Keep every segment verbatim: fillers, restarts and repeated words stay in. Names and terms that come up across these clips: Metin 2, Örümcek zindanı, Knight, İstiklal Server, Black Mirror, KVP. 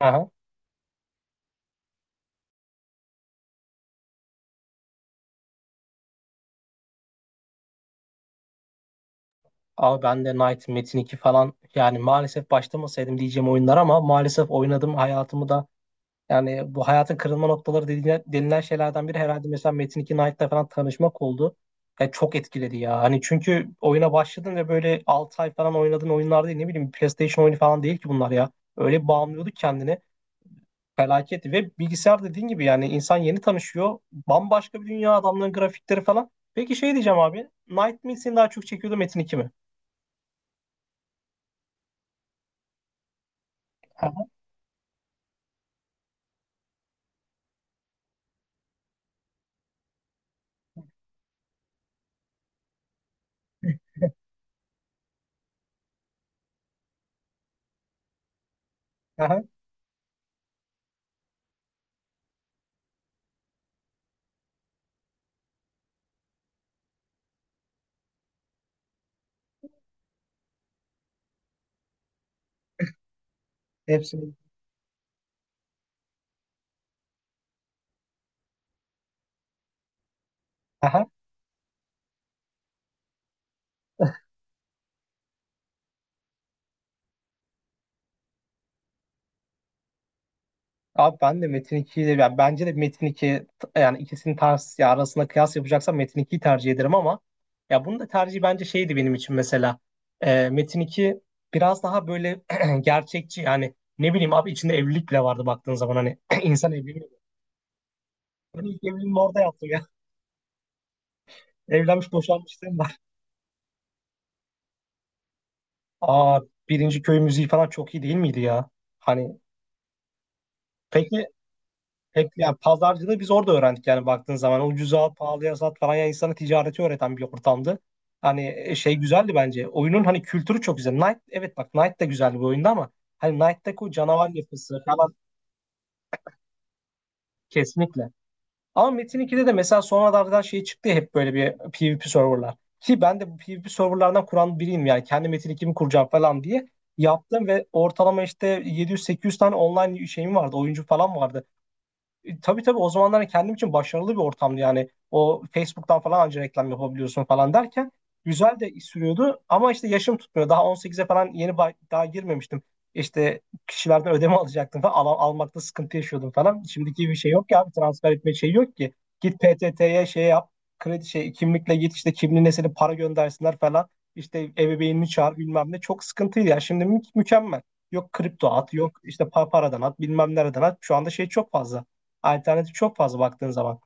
Aha. Abi ben de Knight, Metin iki falan yani maalesef başlamasaydım diyeceğim oyunlar ama maalesef oynadım hayatımı da yani bu hayatın kırılma noktaları dediğine- denilen şeylerden biri herhalde mesela Metin iki Knight'la falan tanışmak oldu. Ya çok etkiledi ya. Hani çünkü oyuna başladın ve böyle altı ay falan oynadığın oyunlar değil, ne bileyim, PlayStation oyunu falan değil ki bunlar ya. Öyle bağımlıyorduk kendini. Felaket. Ve bilgisayar dediğin gibi, yani insan yeni tanışıyor. Bambaşka bir dünya, adamların grafikleri falan. Peki şey diyeceğim abi, Knight mi seni daha çok çekiyordu, Metin iki mi? Aha, hepsini. Aha. Abi ben de Metin ikiyi de, yani bence de Metin iki, t- yani ikisinin ters ya arasında kıyas yapacaksam Metin ikiyi tercih ederim ama ya bunun da tercihi bence şeydi benim için mesela. Ee, Metin iki biraz daha böyle gerçekçi, yani ne bileyim abi, içinde evlilik bile vardı baktığın zaman, hani insan evleniyor. Ben ilk evliliğimi orada yaptım ya. Evlenmiş boşanmışlığım var. Aa, birinci köy müziği falan çok iyi değil miydi ya? Hani, peki. Hep yani pazarcılığı biz orada öğrendik yani baktığın zaman. Ucuza al, pahalıya sat falan, yani insana ticareti öğreten bir ortamdı. Hani e, şey güzeldi bence. Oyunun hani kültürü çok güzel. Knight, evet, bak Knight de güzeldi bu oyunda ama hani Knight'taki o canavar yapısı falan, kesinlikle. Ama Metin ikide de mesela sonralardan şey çıktı ya, hep böyle bir PvP serverlar. Ki ben de bu PvP serverlardan kuran biriyim yani. Kendi Metin ikimi kuracağım falan diye yaptım ve ortalama işte yedi yüz sekiz yüz tane online şeyim vardı. Oyuncu falan vardı. E, tabii tabii, o zamanlar kendim için başarılı bir ortamdı yani. O Facebook'tan falan anca reklam yapabiliyorsun falan derken güzel de sürüyordu ama işte yaşım tutmuyor. Daha on sekize falan yeni ba- daha girmemiştim. İşte kişilerden ödeme alacaktım falan. Al- almakta sıkıntı yaşıyordum falan. Şimdiki bir şey yok ki abi, transfer etme şey yok ki. Git P T T'ye şey yap, kredi şey, kimlikle git, işte kimliğine senin para göndersinler falan. İşte ebeveynini çağır, bilmem ne, çok sıkıntıydı ya. Şimdi mü- mükemmel. Yok kripto at, yok işte pa- paradan at, bilmem nereden at. Şu anda şey çok fazla. Alternatif çok fazla baktığın zaman.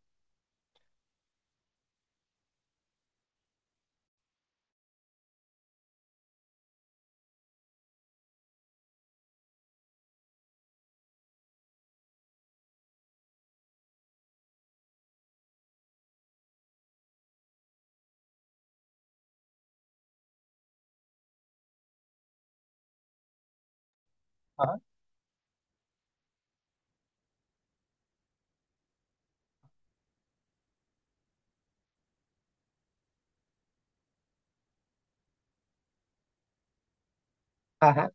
Aha. Aha.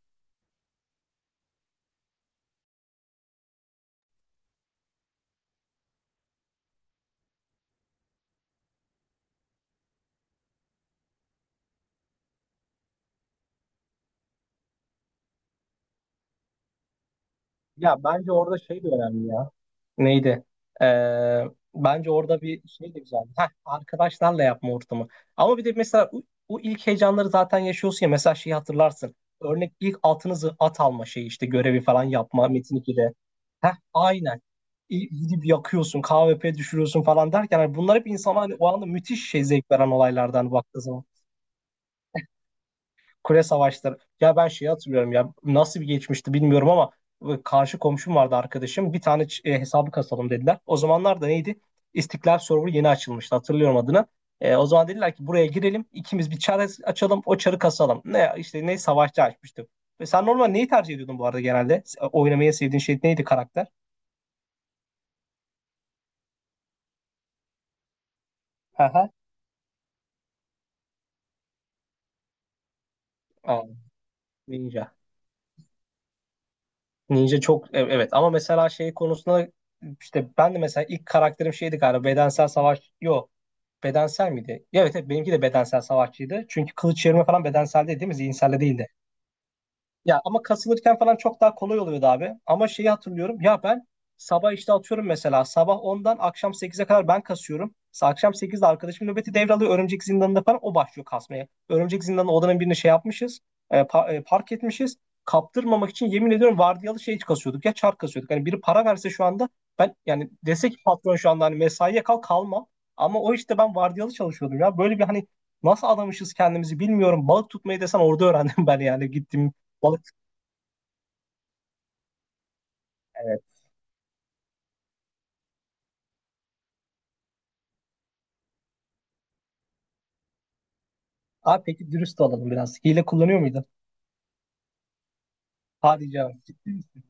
Ya bence orada şey de önemli ya. Neydi? Ee, bence orada bir şey de güzeldi. Heh, arkadaşlarla yapma ortamı. Ama bir de mesela o, o ilk heyecanları zaten yaşıyorsun ya. Mesela şeyi hatırlarsın. Örnek, ilk altınızı at alma şeyi, işte görevi falan yapma Metin ikide. Heh, aynen. İ- Gidip yakıyorsun, K V P düşürüyorsun falan derken, hani bunlar hep insana hani o anda müthiş şey zevk veren olaylardan baktığı zaman. Kule savaşları. Ya ben şeyi hatırlıyorum ya, nasıl bir geçmişti bilmiyorum ama e, karşı komşum vardı, arkadaşım. Bir tane ç- e, hesabı kasalım dediler. O zamanlar da neydi? İstiklal Server yeni açılmıştı, hatırlıyorum adını. E, o zaman dediler ki buraya girelim ikimiz, bir çar açalım, o çarı kasalım. Ne işte, ne savaşçı açmıştım. Ve sen normal neyi tercih ediyordun bu arada genelde? S- e, Oynamayı en sevdiğin şey neydi, karakter? Aha. Aa, Ninja. Ninja çok e- evet ama mesela şey konusunda işte ben de mesela ilk karakterim şeydi galiba, bedensel savaş, yo, bedensel miydi? Evet, evet, benimki de bedensel savaşçıydı. Çünkü kılıç çevirme falan bedensel değil, değil mi? Zihinselde değildi. Ya ama kasılırken falan çok daha kolay oluyordu abi. Ama şeyi hatırlıyorum. Ya ben sabah işte atıyorum mesela. Sabah ondan akşam sekize kadar ben kasıyorum. Sa- Akşam sekizde arkadaşım nöbeti devralıyor. Örümcek zindanında falan o başlıyor kasmaya. Örümcek zindanı odanın birini şey yapmışız. E, pa- e, park etmişiz. Kaptırmamak için, yemin ediyorum, vardiyalı şey kasıyorduk. Ya çark kasıyorduk. Hani biri para verse şu anda, ben yani, dese ki patron şu anda, hani mesaiye kal kalmam. Ama o işte ben vardiyalı çalışıyordum ya. Böyle bir, hani nasıl adamışız kendimizi bilmiyorum. Balık tutmayı desen orada öğrendim ben, yani gittim. Evet. Abi peki dürüst olalım biraz. Hile kullanıyor muydun? Hadi canım. Ciddi misin?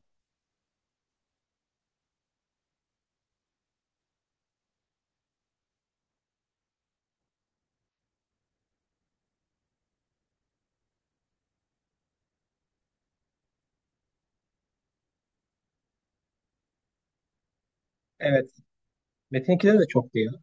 Evet. Metin ikide de çok diyor.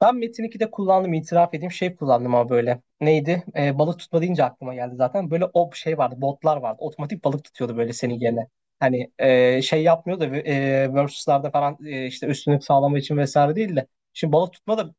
Ben Metin ikide kullandım, itiraf edeyim, şey kullandım ama böyle. Neydi? Ee, balık tutma deyince aklıma geldi zaten. Böyle o şey vardı, botlar vardı. Otomatik balık tutuyordu böyle seni gene. Hani e, şey yapmıyordu, e, versus'larda falan, e, işte üstünlük sağlamak için vesaire değil de. Şimdi balık tutma da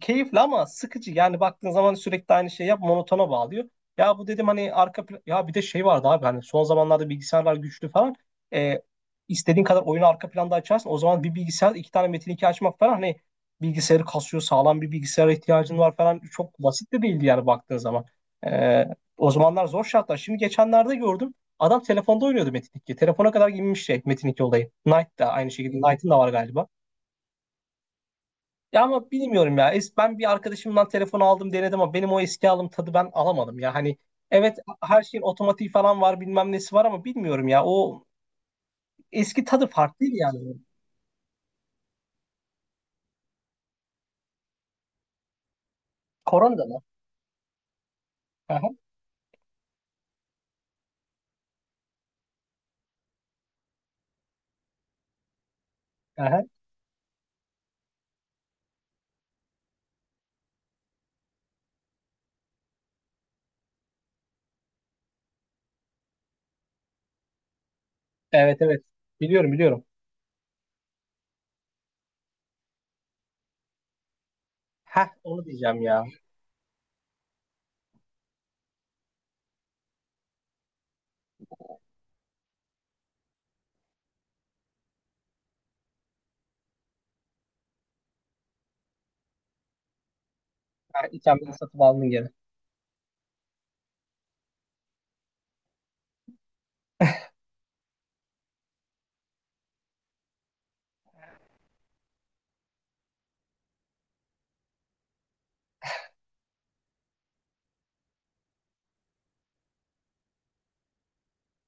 keyifli ama sıkıcı. Yani baktığın zaman sürekli aynı şeyi yap, monotona bağlıyor. Ya bu dedim hani arka plan, ya bir de şey vardı abi, hani son zamanlarda bilgisayarlar güçlü falan. Ee, istediğin kadar oyunu arka planda açarsın. O zaman bir bilgisayar iki tane Metin iki açmak falan, hani bilgisayarı kasıyor, sağlam bir bilgisayara ihtiyacın var falan. Çok basit de değildi yani baktığın zaman. Ee, O zamanlar zor şartlar. Şimdi geçenlerde gördüm. Adam telefonda oynuyordu Metin iki. Telefona kadar inmiş şey, Metin iki olayı. Knight da aynı şekilde. Knight'ın da var galiba. Ya ama bilmiyorum ya. Es- Ben bir arkadaşımdan telefon aldım, denedim ama benim o eski aldığım tadı ben alamadım ya. Hani evet, her şeyin otomatiği falan var, bilmem nesi var ama bilmiyorum ya. O eski tadı farklıydı yani. Korona da mı? Aha. Aha. Evet, evet. Biliyorum, biliyorum. Heh, onu diyeceğim ya. Ha, İken beni satıp aldın gene.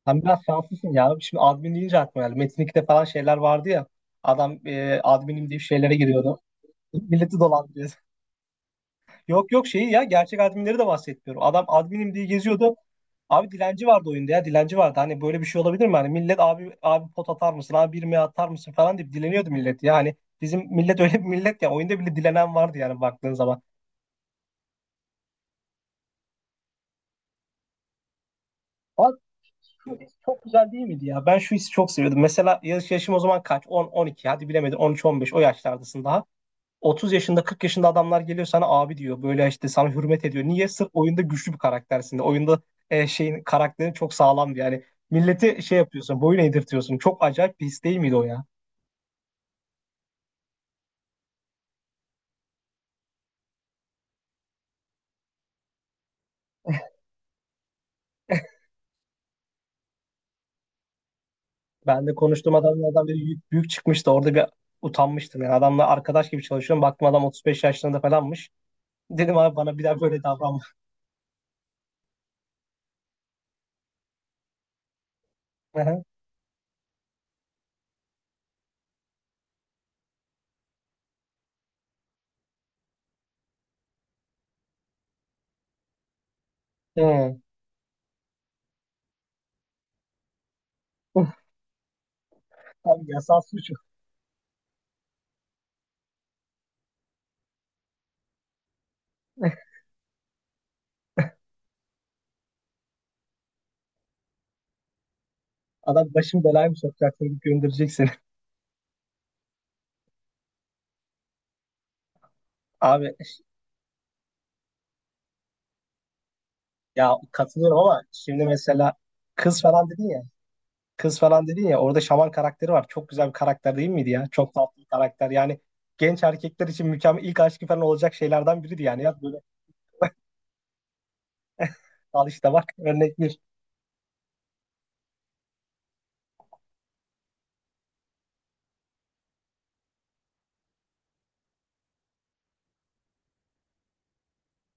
Sen biraz şanslısın ya. Şimdi admin deyince aklıma geldi. Metin ikide falan şeyler vardı ya. Adam e, adminim diye şeylere giriyordu. Milleti dolandırıyor. Yok, yok, şeyi ya, gerçek adminleri de bahsetmiyorum. Adam adminim diye geziyordu. Abi dilenci vardı oyunda ya, dilenci vardı. Hani böyle bir şey olabilir mi? Hani millet, "Abi abi, pot atar mısın? Abi bir mi atar mısın?" falan deyip dileniyordu millet. Yani bizim millet öyle bir millet ya, oyunda bile dilenen vardı yani baktığın zaman. Abi çok, çok güzel değil miydi ya? Ben şu hissi çok seviyordum. Mesela yaş, yaşım o zaman kaç? On, on iki, hadi bilemedim, on üç, on beş, o yaşlardasın daha. Otuz yaşında, kırk yaşında adamlar geliyor sana abi diyor. Böyle işte sana hürmet ediyor. Niye? Sırf oyunda güçlü bir karaktersin de. Oyunda e, şeyin, karakterin çok sağlamdı yani. Milleti şey yapıyorsun, boyun eğdirtiyorsun. Çok acayip bir his değil miydi o ya? Ben de konuştuğum adamlardan biri büyük, büyük çıkmıştı. Orada bir utanmıştım. Yani adamla arkadaş gibi çalışıyorum. Baktım adam otuz beş yaşlarında falanmış. Dedim abi bana bir daha böyle davranma. Hı. Uf. Abi yasal suç. Adam, "Başım belaya mı sokacaksın?" deyip göndereceksin. Abi, ya katılıyorum ama şimdi mesela kız falan dedin ya. Kız falan dedin ya, orada şaman karakteri var. Çok güzel bir karakter değil miydi ya? Çok tatlı bir karakter. Yani genç erkekler için mükemmel ilk aşkı falan olacak şeylerden biriydi yani. Ya böyle, al işte, bak, örnek